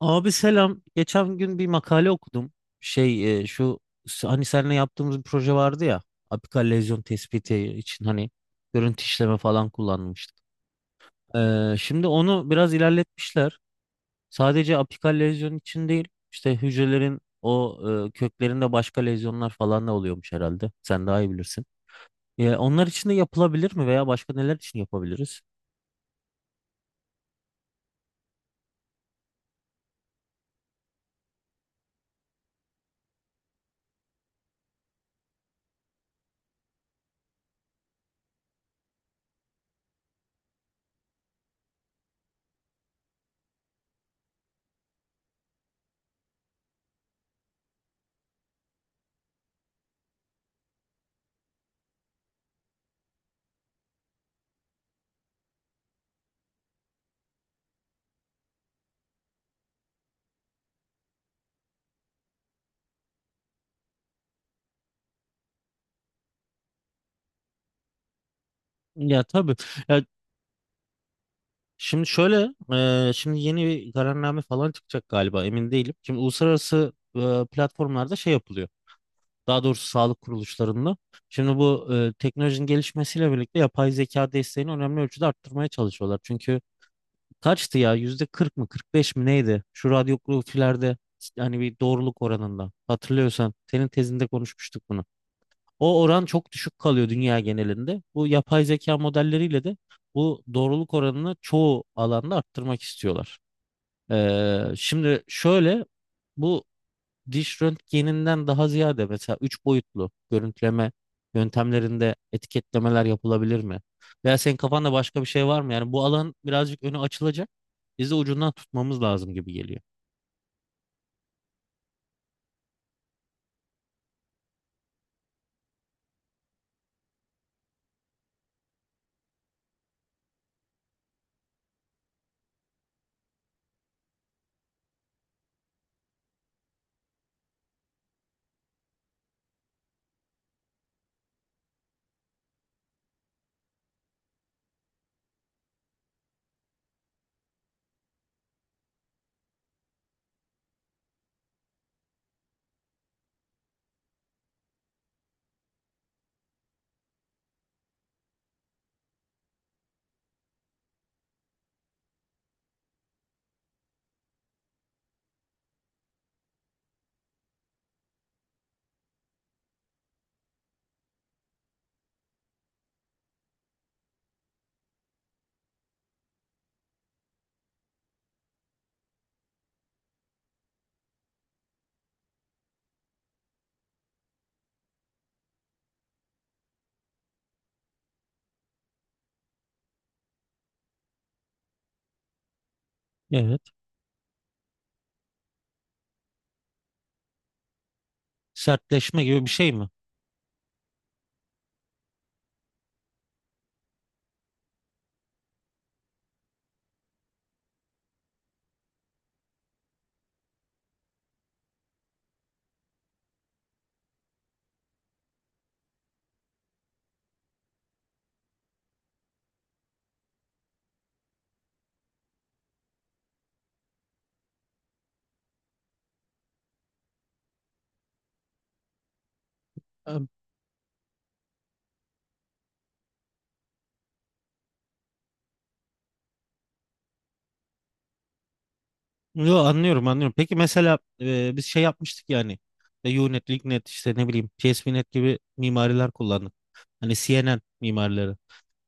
Abi selam. Geçen gün bir makale okudum. Şey e, şu hani seninle yaptığımız bir proje vardı ya. Apikal lezyon tespiti için hani görüntü işleme falan kullanmıştık. Şimdi onu biraz ilerletmişler. Sadece apikal lezyon için değil, işte hücrelerin köklerinde başka lezyonlar falan da oluyormuş herhalde. Sen daha iyi bilirsin. Onlar için de yapılabilir mi, veya başka neler için yapabiliriz? Ya tabii. Ya, Şimdi şöyle, şimdi yeni bir kararname falan çıkacak galiba, emin değilim. Şimdi uluslararası platformlarda şey yapılıyor. Daha doğrusu sağlık kuruluşlarında. Şimdi teknolojinin gelişmesiyle birlikte yapay zeka desteğini önemli ölçüde arttırmaya çalışıyorlar. Çünkü kaçtı ya, %40 mı 45 mi neydi? Şu radyografilerde hani bir doğruluk oranında. Hatırlıyorsan senin tezinde konuşmuştuk bunu. O oran çok düşük kalıyor dünya genelinde. Bu yapay zeka modelleriyle de bu doğruluk oranını çoğu alanda arttırmak istiyorlar. Şimdi şöyle, bu diş röntgeninden daha ziyade mesela 3 boyutlu görüntüleme yöntemlerinde etiketlemeler yapılabilir mi? Veya senin kafanda başka bir şey var mı? Yani bu alan birazcık önü açılacak. Biz de ucundan tutmamız lazım gibi geliyor. Evet. Sertleşme gibi bir şey mi? Yo, anlıyorum anlıyorum. Peki mesela biz şey yapmıştık yani. Unet, LinkNet, işte ne bileyim PSPNet gibi mimariler kullandık. Hani CNN mimarileri.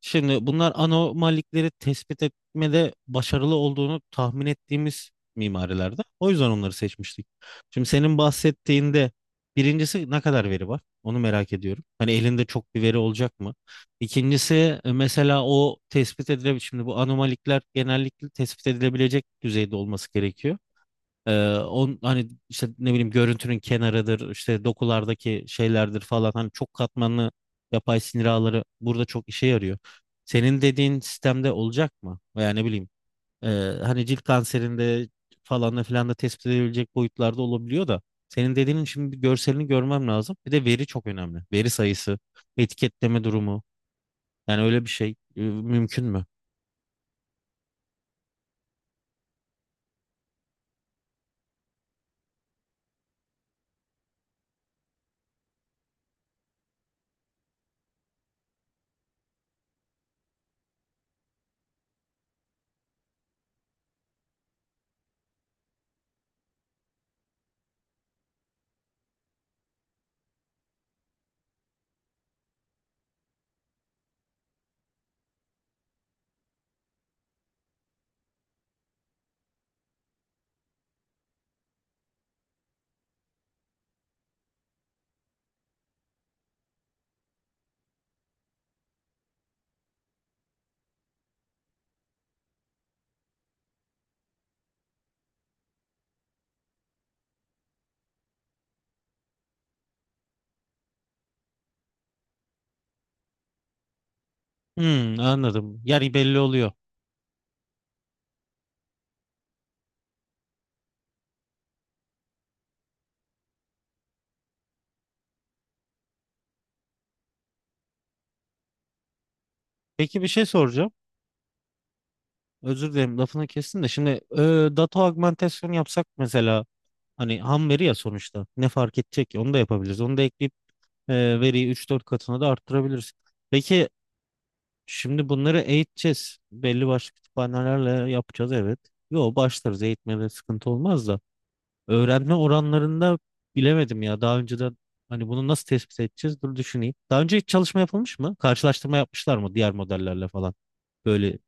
Şimdi bunlar anomalikleri tespit etmede başarılı olduğunu tahmin ettiğimiz mimarilerde. O yüzden onları seçmiştik. Şimdi senin bahsettiğinde birincisi ne kadar veri var? Onu merak ediyorum. Hani elinde çok bir veri olacak mı? İkincisi mesela o tespit edilebilir. Şimdi bu anomalikler genellikle tespit edilebilecek düzeyde olması gerekiyor. Hani işte ne bileyim görüntünün kenarıdır, işte dokulardaki şeylerdir falan. Hani çok katmanlı yapay sinir ağları burada çok işe yarıyor. Senin dediğin sistemde olacak mı? Veya ne bileyim e, hani cilt kanserinde falan da filan da tespit edilebilecek boyutlarda olabiliyor da. Senin dediğinin şimdi bir görselini görmem lazım. Bir de veri çok önemli. Veri sayısı, etiketleme durumu. Yani öyle bir şey mümkün mü? Hmm, anladım. Yani belli oluyor. Peki bir şey soracağım. Özür dilerim, lafını kestim de şimdi data augmentasyon yapsak mesela, hani ham veri ya, sonuçta ne fark edecek ki, onu da yapabiliriz. Onu da ekleyip e, veriyi üç dört katına da arttırabiliriz. Peki şimdi bunları eğiteceğiz. Belli başlı kütüphanelerle yapacağız, evet. Yo, başlarız, eğitmede sıkıntı olmaz da öğrenme oranlarında bilemedim ya, daha önceden hani bunu nasıl tespit edeceğiz, dur düşüneyim. Daha önce hiç çalışma yapılmış mı? Karşılaştırma yapmışlar mı diğer modellerle falan? Böyle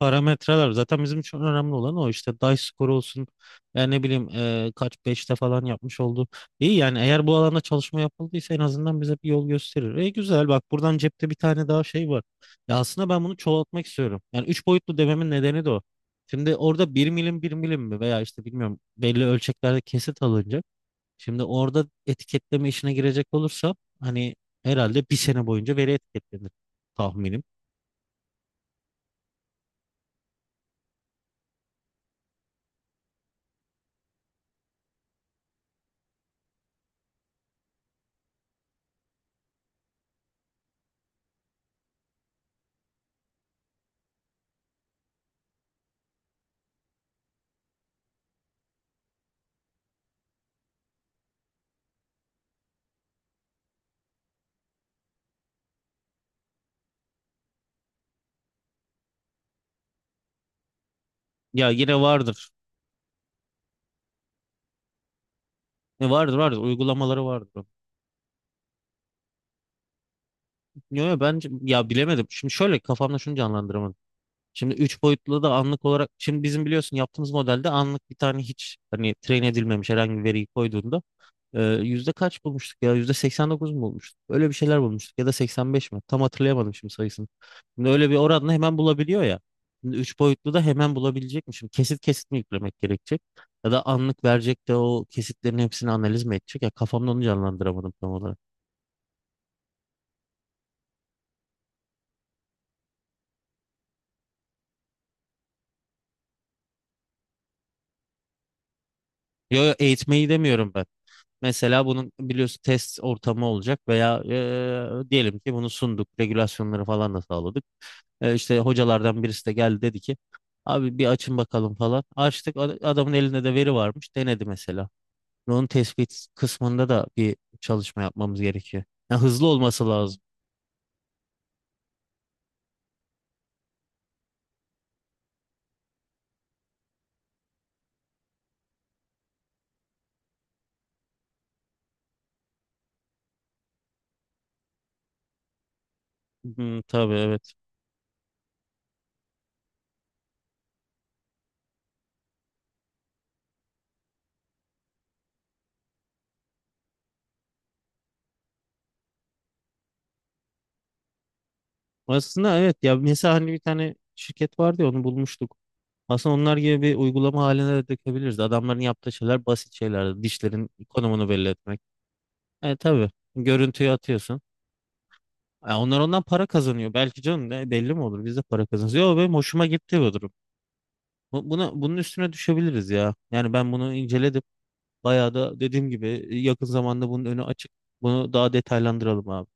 Parametreler zaten bizim için önemli olan, o işte dice score olsun yani, ne bileyim kaç beşte falan yapmış oldu. İyi, yani eğer bu alanda çalışma yapıldıysa en azından bize bir yol gösterir. Güzel, bak, buradan cepte bir tane daha şey var. Ya aslında ben bunu çoğaltmak istiyorum. Yani 3 boyutlu dememin nedeni de o. Şimdi orada bir milim bir milim mi, veya işte bilmiyorum, belli ölçeklerde kesit alınacak. Şimdi orada etiketleme işine girecek olursa hani herhalde bir sene boyunca veri etiketlenir tahminim. Ya, yine vardır. Uygulamaları vardır. Yo, yo, bence ya bilemedim. Şimdi şöyle, kafamda şunu canlandıramadım. Şimdi 3 boyutlu da anlık olarak, şimdi bizim biliyorsun yaptığımız modelde, anlık bir tane hiç hani train edilmemiş herhangi bir veriyi koyduğunda yüzde kaç bulmuştuk ya, %89 mu bulmuştuk? Öyle bir şeyler bulmuştuk, ya da 85 mi? Tam hatırlayamadım şimdi sayısını. Şimdi öyle bir oranla hemen bulabiliyor ya. Şimdi 3 boyutlu da hemen bulabilecekmişim. Kesit kesit mi yüklemek gerekecek? Ya da anlık verecek de o kesitlerin hepsini analiz mi edecek? Ya, kafamda onu canlandıramadım tam olarak. Yo, yo, eğitmeyi demiyorum ben. Mesela bunun biliyorsun test ortamı olacak, veya Diyelim ki bunu sunduk, regülasyonları falan da sağladık. İşte hocalardan birisi de geldi, dedi ki "abi bir açın bakalım" falan. Açtık, adamın elinde de veri varmış, denedi mesela. Onun tespit kısmında da bir çalışma yapmamız gerekiyor. Yani hızlı olması lazım. Hı, tabii, evet. Aslında evet ya, mesela hani bir tane şirket vardı ya, onu bulmuştuk. Aslında onlar gibi bir uygulama haline de dökebiliriz. Adamların yaptığı şeyler basit şeyler. Dişlerin konumunu belli etmek. Tabii, görüntüyü atıyorsun. Onlar ondan para kazanıyor. Belki, canım ne, belli mi olur? Biz de para kazanırız. Yo, benim hoşuma gitti bu durum. Bunun üstüne düşebiliriz ya. Yani ben bunu inceledim. Bayağı da dediğim gibi yakın zamanda bunun önü açık. Bunu daha detaylandıralım abi.